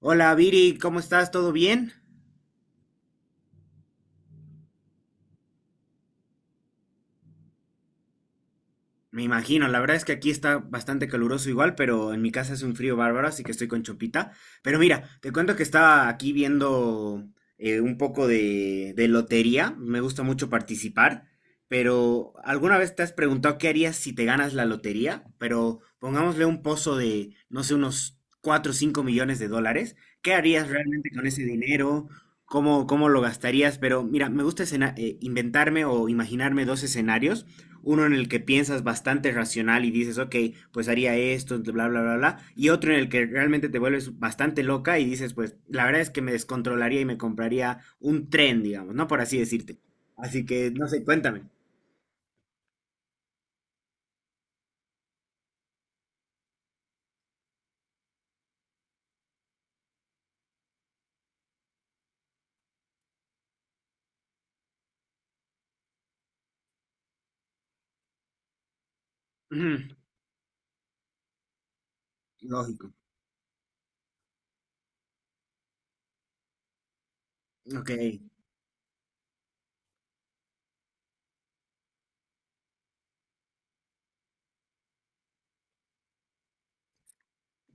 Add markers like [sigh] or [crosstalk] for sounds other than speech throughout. Hola Viri, ¿cómo estás? ¿Todo bien? Me imagino, la verdad es que aquí está bastante caluroso igual, pero en mi casa hace un frío bárbaro, así que estoy con chopita. Pero mira, te cuento que estaba aquí viendo un poco de lotería, me gusta mucho participar, pero ¿alguna vez te has preguntado qué harías si te ganas la lotería? Pero pongámosle un pozo de, no sé, unos 4 o 5 millones de dólares. ¿Qué harías realmente con ese dinero? ¿Cómo lo gastarías? Pero mira, me gusta inventarme o imaginarme dos escenarios, uno en el que piensas bastante racional y dices, ok, pues haría esto, bla, bla, bla, bla, y otro en el que realmente te vuelves bastante loca y dices, pues la verdad es que me descontrolaría y me compraría un tren, digamos, ¿no? Por así decirte. Así que, no sé, cuéntame. Ujú. Lógico. Ok,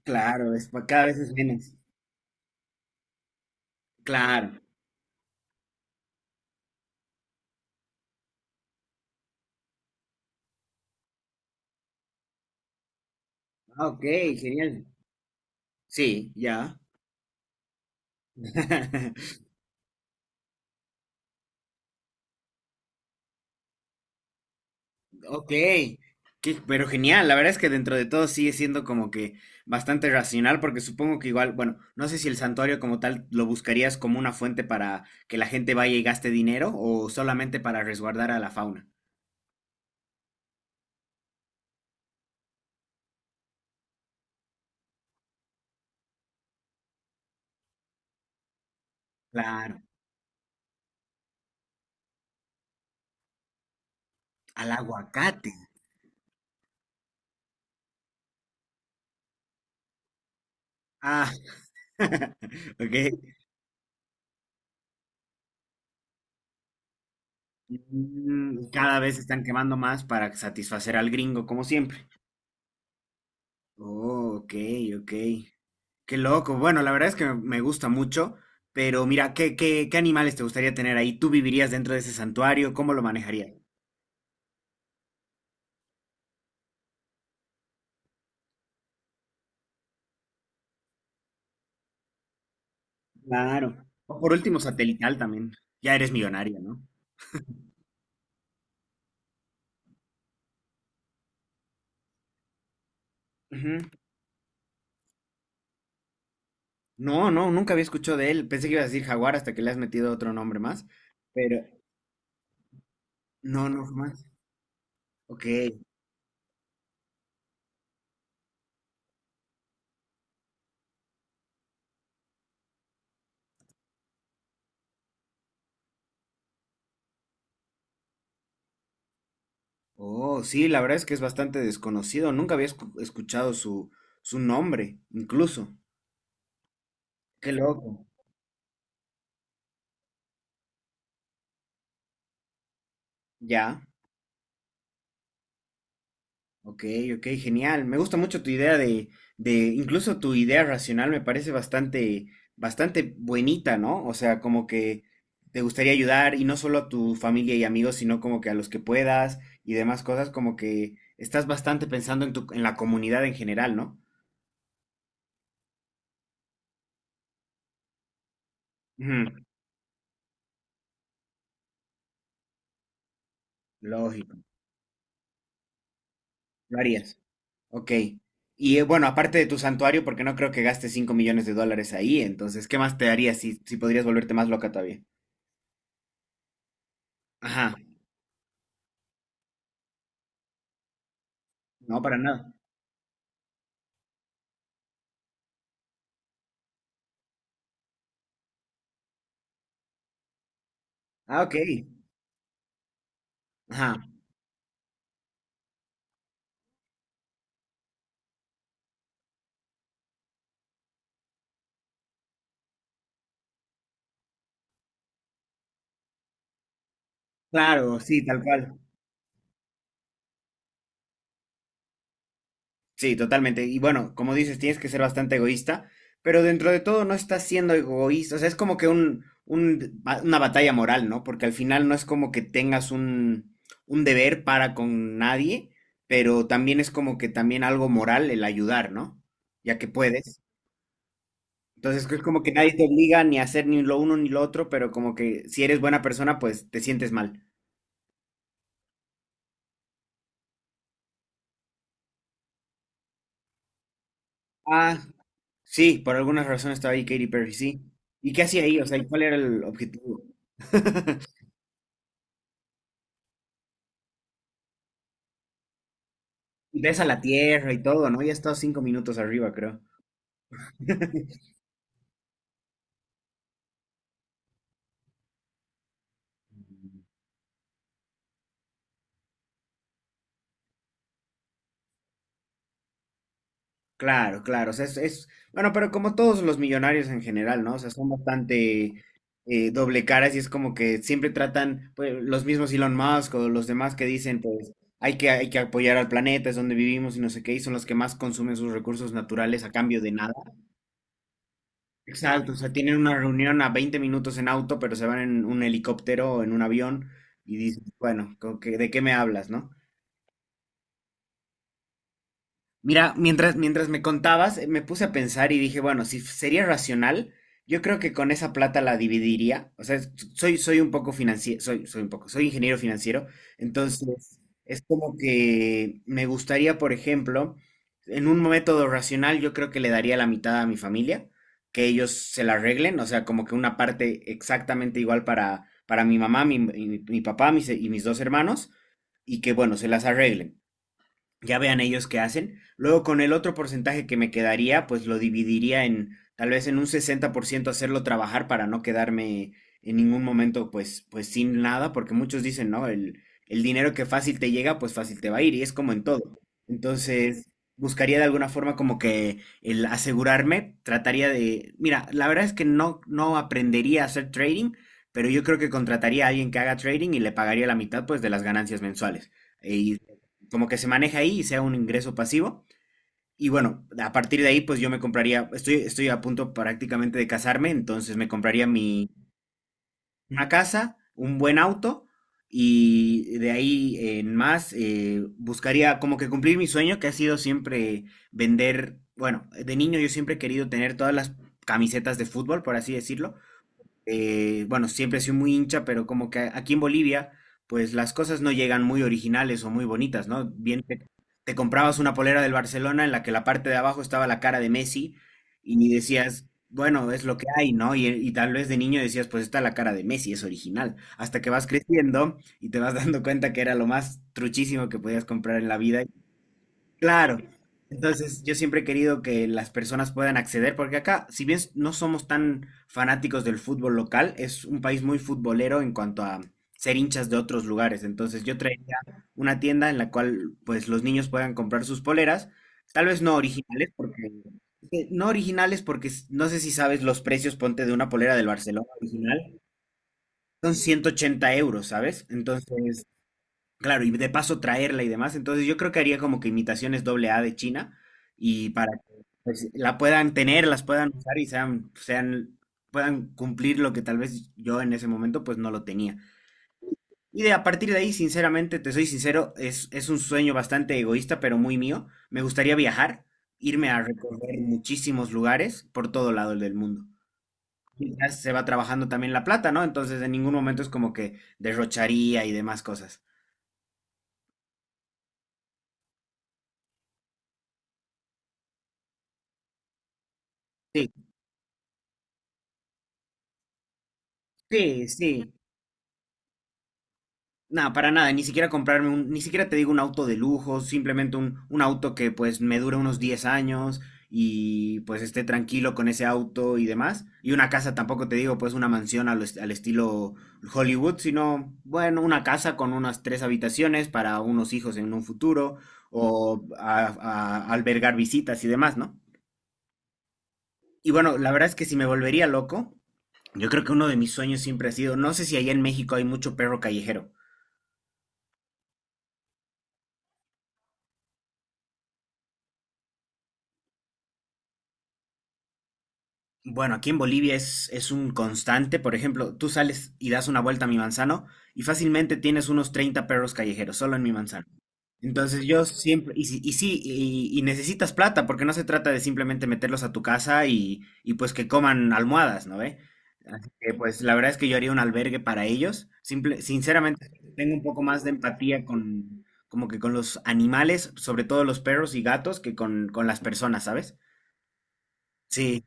claro, es, cada vez es menos. Claro. Ah, ok, genial. Sí, ya. [laughs] Ok, pero genial, la verdad es que dentro de todo sigue siendo como que bastante racional, porque supongo que igual, bueno, no sé si el santuario como tal lo buscarías como una fuente para que la gente vaya y gaste dinero o solamente para resguardar a la fauna. Claro, al aguacate. Ah, [laughs] ok. Cada vez están quemando más para satisfacer al gringo, como siempre. Oh, ok, ok. Qué loco. Bueno, la verdad es que me gusta mucho, pero mira, ¿qué animales te gustaría tener ahí? ¿Tú vivirías dentro de ese santuario? ¿Cómo lo manejarías? Claro. O por último, satelital también. Ya eres millonaria, ¿no? Ujú. No, no, nunca había escuchado de él. Pensé que ibas a decir jaguar hasta que le has metido otro nombre más. Pero no, no, jamás. Ok. Oh, sí, la verdad es que es bastante desconocido. Nunca había escuchado su, nombre, incluso. Qué loco. Ya. Ok, ok, genial. Me gusta mucho tu idea incluso tu idea racional me parece bastante, bastante buenita, ¿no? O sea, como que te gustaría ayudar y no solo a tu familia y amigos, sino como que a los que puedas y demás cosas, como que estás bastante pensando en tu, en la comunidad en general, ¿no? Ujú, lógico, lo harías. Ok. Y bueno, aparte de tu santuario, porque no creo que gastes 5 millones de dólares ahí, entonces, ¿qué más te harías si podrías volverte más loca todavía? Ajá, no, para nada. Ah, ok. Ajá, claro, sí, tal cual. Sí, totalmente. Y bueno, como dices, tienes que ser bastante egoísta, pero dentro de todo no estás siendo egoísta. O sea, es como que un, una batalla moral, ¿no? Porque al final no es como que tengas un, deber para con nadie, pero también es como que también algo moral el ayudar, ¿no? Ya que puedes. Entonces es como que nadie te obliga ni a hacer ni lo uno ni lo otro, pero como que si eres buena persona, pues te sientes mal. Ah, sí, por alguna razón estaba ahí Katy Perry, sí. ¿Y qué hacía ahí? O sea, ¿y cuál era el objetivo? Y ves a la tierra y todo, ¿no? Ya estado 5 minutos arriba, creo. [laughs] Claro, claro. O sea. Bueno, pero como todos los millonarios en general, ¿no? O sea, son bastante doble caras y es como que siempre tratan, pues, los mismos Elon Musk o los demás que dicen, pues, hay que, apoyar al planeta, es donde vivimos y no sé qué, y son los que más consumen sus recursos naturales a cambio de nada. Exacto, o sea, tienen una reunión a 20 minutos en auto, pero se van en un helicóptero o en un avión y dices, bueno, como que, ¿de qué me hablas, no? Mira, mientras me contabas, me puse a pensar y dije, bueno, si f- sería racional, yo creo que con esa plata la dividiría. O sea, soy un poco financiero, soy un poco, soy ingeniero financiero. Entonces, es como que me gustaría, por ejemplo, en un método racional, yo creo que le daría la mitad a mi familia, que ellos se la arreglen. O sea, como que una parte exactamente igual para, mi mamá, mi, mi papá y mis dos hermanos, y que, bueno, se las arreglen, ya vean ellos qué hacen. Luego con el otro porcentaje que me quedaría, pues lo dividiría en tal vez en un 60% hacerlo trabajar para no quedarme en ningún momento pues, sin nada, porque muchos dicen, no, el dinero que fácil te llega, pues fácil te va a ir, y es como en todo. Entonces, buscaría de alguna forma como que el asegurarme, trataría de, mira, la verdad es que no, no aprendería a hacer trading, pero yo creo que contrataría a alguien que haga trading y le pagaría la mitad pues de las ganancias mensuales. Y como que se maneja ahí y sea un ingreso pasivo. Y bueno, a partir de ahí, pues yo me compraría, estoy, a punto prácticamente de casarme, entonces me compraría una casa, un buen auto, y de ahí en más buscaría como que cumplir mi sueño que ha sido siempre vender, bueno, de niño yo siempre he querido tener todas las camisetas de fútbol, por así decirlo, bueno, siempre he sido muy hincha, pero como que aquí en Bolivia, pues las cosas no llegan muy originales o muy bonitas, ¿no? Bien, te comprabas una polera del Barcelona en la que la parte de abajo estaba la cara de Messi y decías, bueno, es lo que hay, ¿no? Y tal vez de niño decías, pues está la cara de Messi, es original. Hasta que vas creciendo y te vas [laughs] dando cuenta que era lo más truchísimo que podías comprar en la vida. Claro. Entonces, yo siempre he querido que las personas puedan acceder, porque acá, si bien no somos tan fanáticos del fútbol local, es un país muy futbolero en cuanto a ser hinchas de otros lugares. Entonces, yo traería una tienda en la cual, pues, los niños puedan comprar sus poleras, tal vez no originales, porque no originales, porque no sé si sabes los precios, ponte de una polera del Barcelona original, son 180 euros, ¿sabes? Entonces, claro, y de paso traerla y demás. Entonces yo creo que haría como que imitaciones doble A de China y para que pues, la puedan tener, las puedan usar y puedan cumplir lo que tal vez yo en ese momento pues no lo tenía. Y de a partir de ahí, sinceramente, te soy sincero, es un sueño bastante egoísta, pero muy mío. Me gustaría viajar, irme a recorrer muchísimos lugares por todo lado del mundo. Quizás se va trabajando también la plata, ¿no? Entonces en ningún momento es como que derrocharía y demás cosas. Sí, sí, sí. No, para nada, ni siquiera comprarme ni siquiera te digo un auto de lujo, simplemente un auto que pues me dure unos 10 años y pues esté tranquilo con ese auto y demás. Y una casa tampoco te digo pues una mansión al estilo Hollywood, sino bueno, una casa con unas tres habitaciones para unos hijos en un futuro o albergar visitas y demás, ¿no? Y bueno, la verdad es que si me volvería loco, yo creo que uno de mis sueños siempre ha sido, no sé si allá en México hay mucho perro callejero. Bueno, aquí en Bolivia es, un constante. Por ejemplo, tú sales y das una vuelta a mi manzano y fácilmente tienes unos 30 perros callejeros solo en mi manzano. Entonces yo siempre, y, si- y sí, y necesitas plata, porque no se trata de simplemente meterlos a tu casa y pues que coman almohadas, ¿no ve? Así que pues la verdad es que yo haría un albergue para ellos. Simple, sinceramente, tengo un poco más de empatía con, como que con los animales, sobre todo los perros y gatos, que con, las personas, ¿sabes? Sí.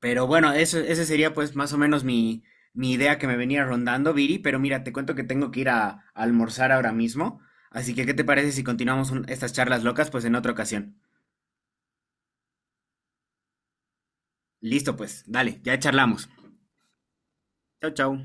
Pero bueno, ese sería pues más o menos mi idea que me venía rondando, Viri, pero mira, te cuento que tengo que ir a almorzar ahora mismo, así que ¿qué te parece si continuamos estas charlas locas pues en otra ocasión? Listo, pues, dale, ya charlamos. Chau, chau.